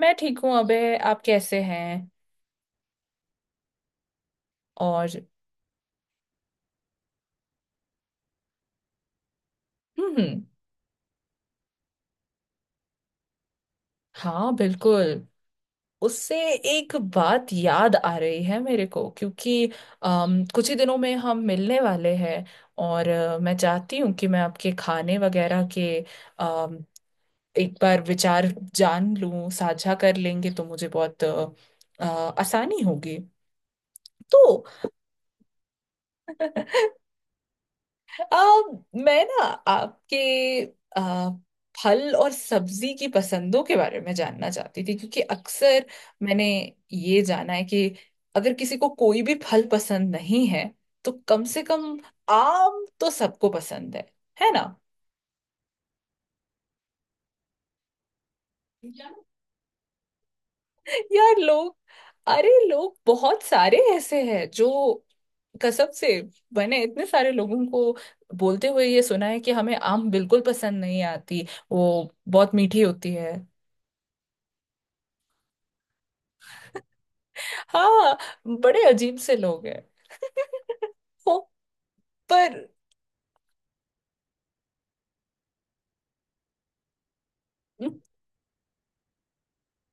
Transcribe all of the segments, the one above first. मैं ठीक हूँ अबे, आप कैसे हैं? और। हम्म। हाँ, बिल्कुल। उससे एक बात याद आ रही है मेरे को, क्योंकि कुछ ही दिनों में हम मिलने वाले हैं। और मैं चाहती हूँ कि मैं आपके खाने वगैरह के अम, एक बार विचार जान लूँ, साझा कर लेंगे तो मुझे बहुत अ, आसानी होगी। तो आ, मैं ना आपके आ, फल और सब्जी की पसंदों के बारे में जानना चाहती थी, क्योंकि अक्सर मैंने ये जाना है कि अगर किसी को कोई भी फल पसंद नहीं है तो कम से कम आम तो सबको पसंद है ना? यार लोग, अरे लोग बहुत सारे ऐसे हैं जो, कसम से, मैंने इतने सारे लोगों को बोलते हुए ये सुना है कि हमें आम बिल्कुल पसंद नहीं आती, वो बहुत मीठी होती है। हाँ। बड़े अजीब से लोग हैं। हो। पर,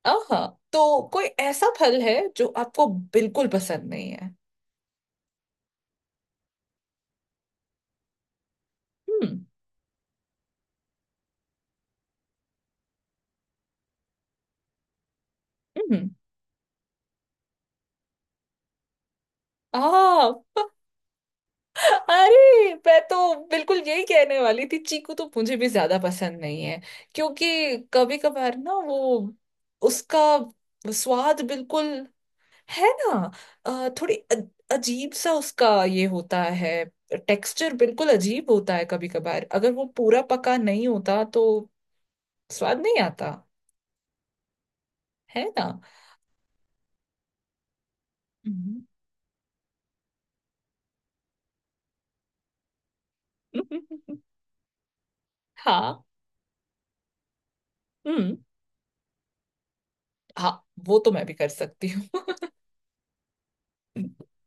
हाँ, तो कोई ऐसा फल है जो आपको बिल्कुल पसंद नहीं है? हम्म। हम्म। आ, अरे मैं तो बिल्कुल यही कहने वाली थी, चीकू तो मुझे भी ज्यादा पसंद नहीं है। क्योंकि कभी कभार ना वो, उसका स्वाद बिल्कुल, है ना? थोड़ी अजीब सा उसका ये होता है। टेक्सचर बिल्कुल अजीब होता है, कभी कभार अगर वो पूरा पका नहीं होता तो स्वाद नहीं आता, है ना? हम्म। हाँ। हम्म। हाँ, वो तो मैं भी कर सकती हूँ।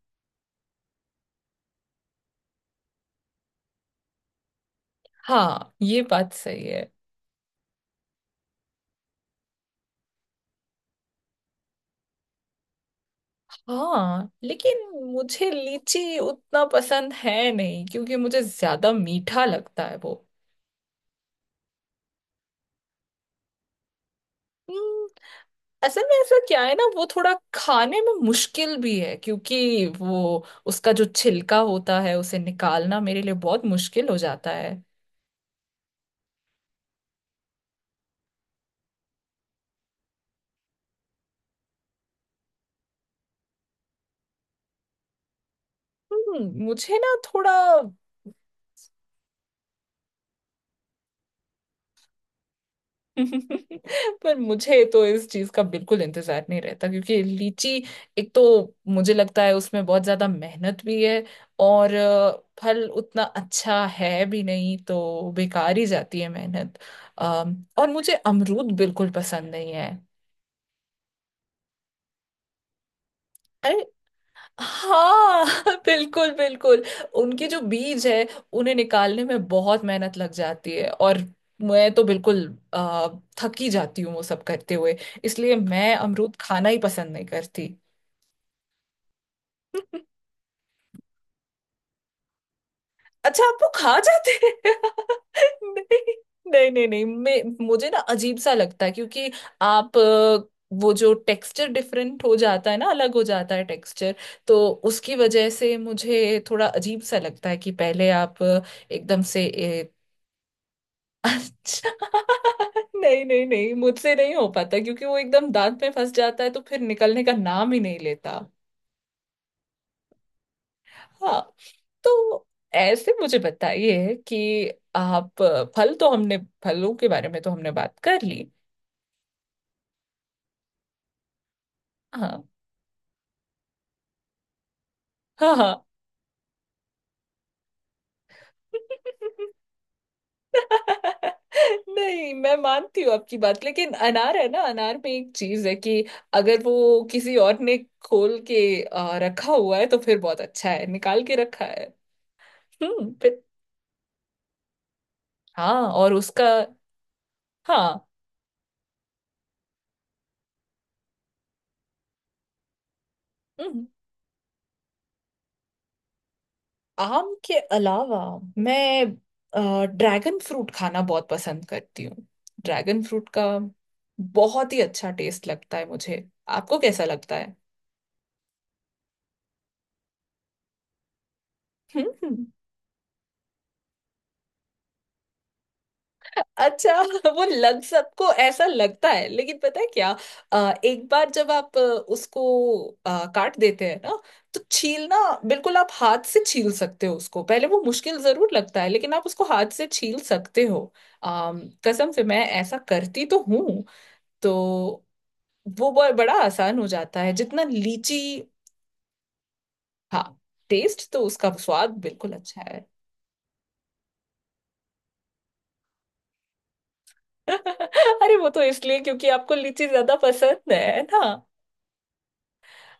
हाँ, ये बात सही है। हाँ, लेकिन मुझे लीची उतना पसंद है नहीं, क्योंकि मुझे ज्यादा मीठा लगता है। वो असल में ऐसा क्या है ना, वो थोड़ा खाने में मुश्किल भी है, क्योंकि वो, उसका जो छिलका होता है उसे निकालना मेरे लिए बहुत मुश्किल हो जाता है। मुझे ना थोड़ा। पर मुझे तो इस चीज का बिल्कुल इंतजार नहीं रहता, क्योंकि लीची, एक तो मुझे लगता है उसमें बहुत ज्यादा मेहनत भी है। और फल उतना अच्छा है भी नहीं, तो बेकार ही जाती है मेहनत। और मुझे अमरूद बिल्कुल पसंद नहीं है। हाँ, बिल्कुल, बिल्कुल। उनके जो बीज है, उन्हें निकालने में बहुत मेहनत लग जाती है, और मैं तो बिल्कुल आ, थक ही जाती हूँ वो सब करते हुए। इसलिए मैं अमरूद खाना ही पसंद नहीं करती। अच्छा, आप वो खा जाते हैं? नहीं, नहीं, नहीं, नहीं, मैं मुझे ना अजीब सा लगता है, क्योंकि आप वो जो टेक्सचर डिफरेंट हो जाता है ना, अलग हो जाता है टेक्सचर, तो उसकी वजह से मुझे थोड़ा अजीब सा लगता है कि पहले आप एकदम से अच्छा। नहीं, नहीं, नहीं, मुझसे नहीं हो पाता, क्योंकि वो एकदम दांत में फंस जाता है तो फिर निकलने का नाम ही नहीं लेता। हाँ। तो ऐसे मुझे बताइए कि आप, फल तो हमने, फलों के बारे में तो हमने बात कर ली। हाँ, हाँ। हाँ। नहीं, मैं मानती हूँ आपकी बात, लेकिन अनार है ना, अनार में एक चीज है कि अगर वो किसी और ने खोल के रखा हुआ है तो फिर बहुत अच्छा है, निकाल के रखा है। हम्म, फिर। हाँ, और उसका। हाँ। हम्म। आम के अलावा मैं ड्रैगन फ्रूट खाना बहुत पसंद करती हूँ। ड्रैगन फ्रूट का बहुत ही अच्छा टेस्ट लगता है मुझे। आपको कैसा लगता है? हम्म। अच्छा, वो लग सबको ऐसा लगता है, लेकिन पता है क्या, एक बार जब आप उसको काट देते हैं ना, तो छीलना बिल्कुल, आप हाथ से छील सकते हो उसको। पहले वो मुश्किल जरूर लगता है, लेकिन आप उसको हाथ से छील सकते हो। अम, कसम से मैं ऐसा करती तो हूँ। तो वो बड़ा आसान हो जाता है, जितना लीची। हाँ, टेस्ट तो उसका स्वाद बिल्कुल अच्छा है। अरे वो तो इसलिए क्योंकि आपको लीची ज्यादा पसंद है ना।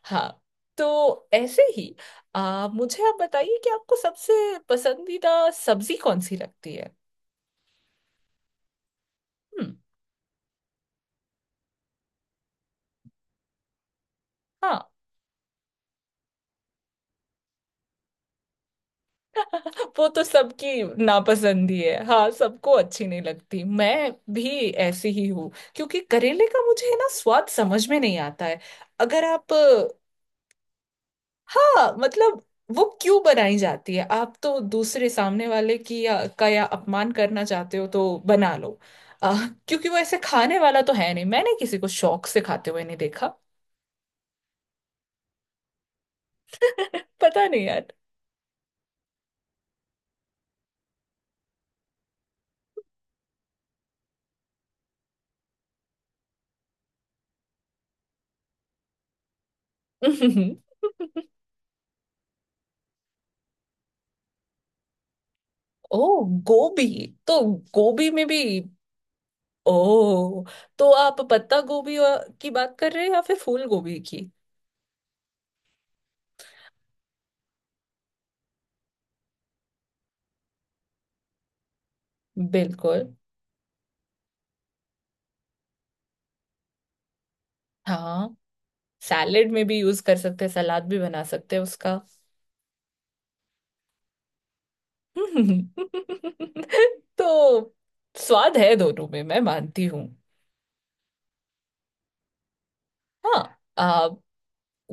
हाँ। तो ऐसे ही मुझे आप बताइए कि आपको सबसे पसंदीदा सब्जी कौन सी लगती है? हम्म। हाँ, वो तो सबकी नापसंद ही है, हाँ, सबको अच्छी नहीं लगती, मैं भी ऐसी ही हूँ, क्योंकि करेले का मुझे है ना स्वाद समझ में नहीं आता है। अगर आप, हाँ मतलब, वो क्यों बनाई जाती है? आप तो दूसरे सामने वाले की या, का या अपमान करना चाहते हो तो बना लो। आ, क्योंकि वो ऐसे खाने वाला तो है नहीं, मैंने किसी को शौक से खाते हुए नहीं देखा। पता नहीं यार। ओ, गोभी। तो गोभी में भी, ओ, तो आप पत्ता गोभी की बात कर रहे हैं या फिर फूल गोभी की? बिल्कुल। हाँ, सैलेड में भी यूज कर सकते हैं, सलाद भी बना सकते हैं उसका। तो स्वाद है दोनों में, मैं मानती हूँ। हाँ,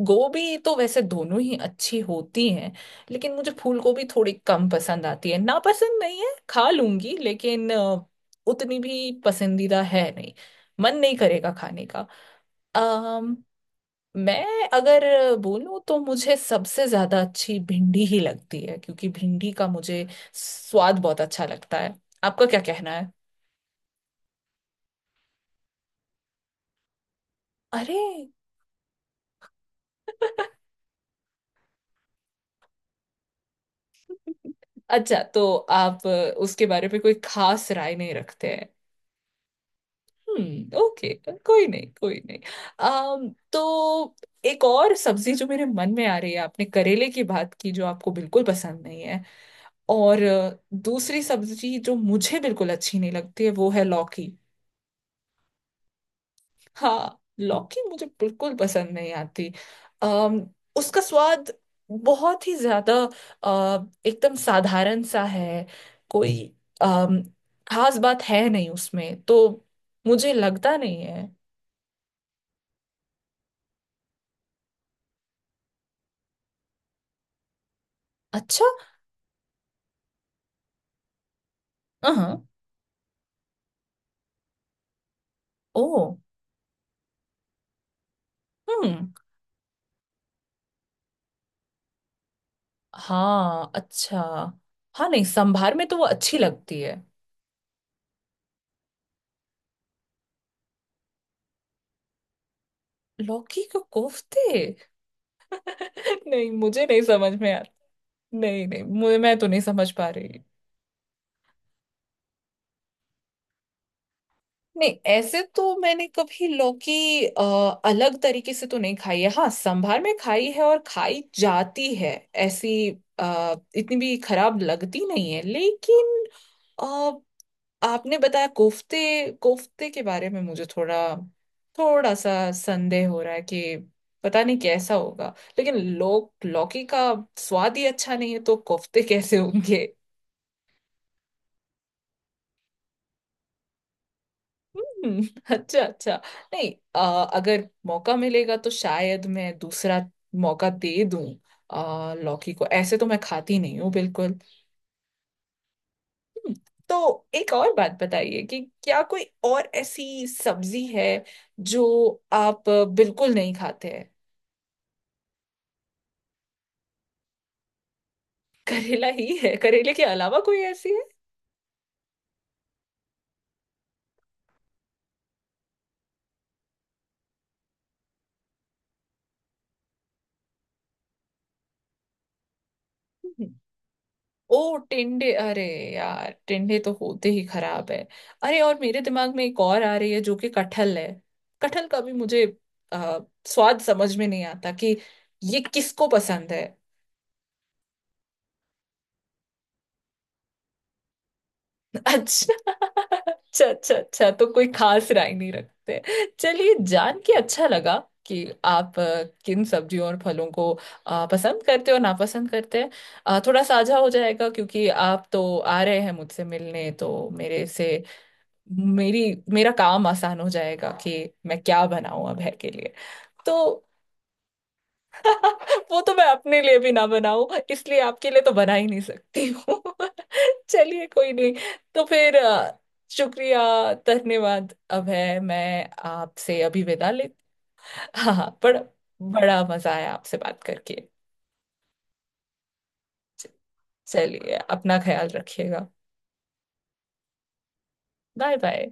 गोभी तो वैसे दोनों ही अच्छी होती हैं, लेकिन मुझे फूल गोभी थोड़ी कम पसंद आती है। ना पसंद नहीं है, खा लूंगी, लेकिन उतनी भी पसंदीदा है नहीं, मन नहीं करेगा खाने का। आ, मैं अगर बोलूँ तो मुझे सबसे ज्यादा अच्छी भिंडी ही लगती है, क्योंकि भिंडी का मुझे स्वाद बहुत अच्छा लगता है। आपका क्या कहना है? अरे। अच्छा, तो आप उसके बारे में कोई खास राय नहीं रखते हैं। हम्म, ओके। कोई नहीं, कोई नहीं। अम, तो एक और सब्जी जो मेरे मन में आ रही है, आपने करेले की बात की जो आपको बिल्कुल पसंद नहीं है, और दूसरी सब्जी जो मुझे बिल्कुल अच्छी नहीं लगती है वो है लौकी। हाँ, लौकी मुझे बिल्कुल पसंद नहीं आती। अम, उसका स्वाद बहुत ही ज्यादा एकदम साधारण सा है। कोई अम, खास बात है नहीं उसमें तो, मुझे लगता नहीं है। अच्छा। हाँ। ओ। हम्म। हाँ। अच्छा। हाँ नहीं, संभार में तो वो अच्छी लगती है। लौकी को कोफ्ते? नहीं, मुझे नहीं समझ में आता। नहीं, नहीं, मुझे, मैं तो नहीं समझ पा रही। नहीं, ऐसे तो मैंने कभी लौकी अ, अलग तरीके से तो नहीं खाई है, हाँ संभार में खाई है, और खाई जाती है ऐसी, इतनी भी खराब लगती नहीं है, लेकिन अ, आपने बताया कोफ्ते, कोफ्ते के बारे में मुझे थोड़ा, थोड़ा सा संदेह हो रहा है कि पता नहीं कैसा होगा, लेकिन लोग, लौकी का स्वाद ही अच्छा नहीं है तो कोफ्ते कैसे होंगे? हम्म, अच्छा, अच्छा। नहीं, अगर मौका मिलेगा तो शायद मैं दूसरा मौका दे दूं। लौकी को ऐसे तो मैं खाती नहीं हूँ बिल्कुल। हम्म, तो एक और बात बताइए कि क्या कोई और ऐसी सब्जी है जो आप बिल्कुल नहीं खाते हैं? करेला ही है? करेले के अलावा कोई ऐसी है? ओ टिंडे, अरे यार, टिंडे तो होते ही खराब है। अरे, और मेरे दिमाग में एक और आ रही है जो कि कटहल है। कटहल का भी मुझे आ, स्वाद समझ में नहीं आता कि ये किसको पसंद है। अच्छा, अच्छा, अच्छा, अच्छा, तो कोई खास राय नहीं रखते। चलिए, जान के अच्छा लगा कि आप किन सब्जियों और फलों को पसंद करते हो, नापसंद करते हैं। थोड़ा साझा हो जाएगा, क्योंकि आप तो आ रहे हैं मुझसे मिलने, तो मेरे से, मेरी, मेरा काम आसान हो जाएगा कि मैं क्या बनाऊं अब है के लिए। तो वो तो मैं अपने लिए भी ना बनाऊं, इसलिए आपके लिए तो बना ही नहीं सकती हूँ। चलिए, कोई नहीं। तो फिर शुक्रिया, धन्यवाद अब है, मैं आपसे अभी विदा ले। हाँ, हाँ, बड़ा, बड़ा मजा आया आपसे बात करके। च- चलिए, अपना ख्याल रखिएगा। Bye bye.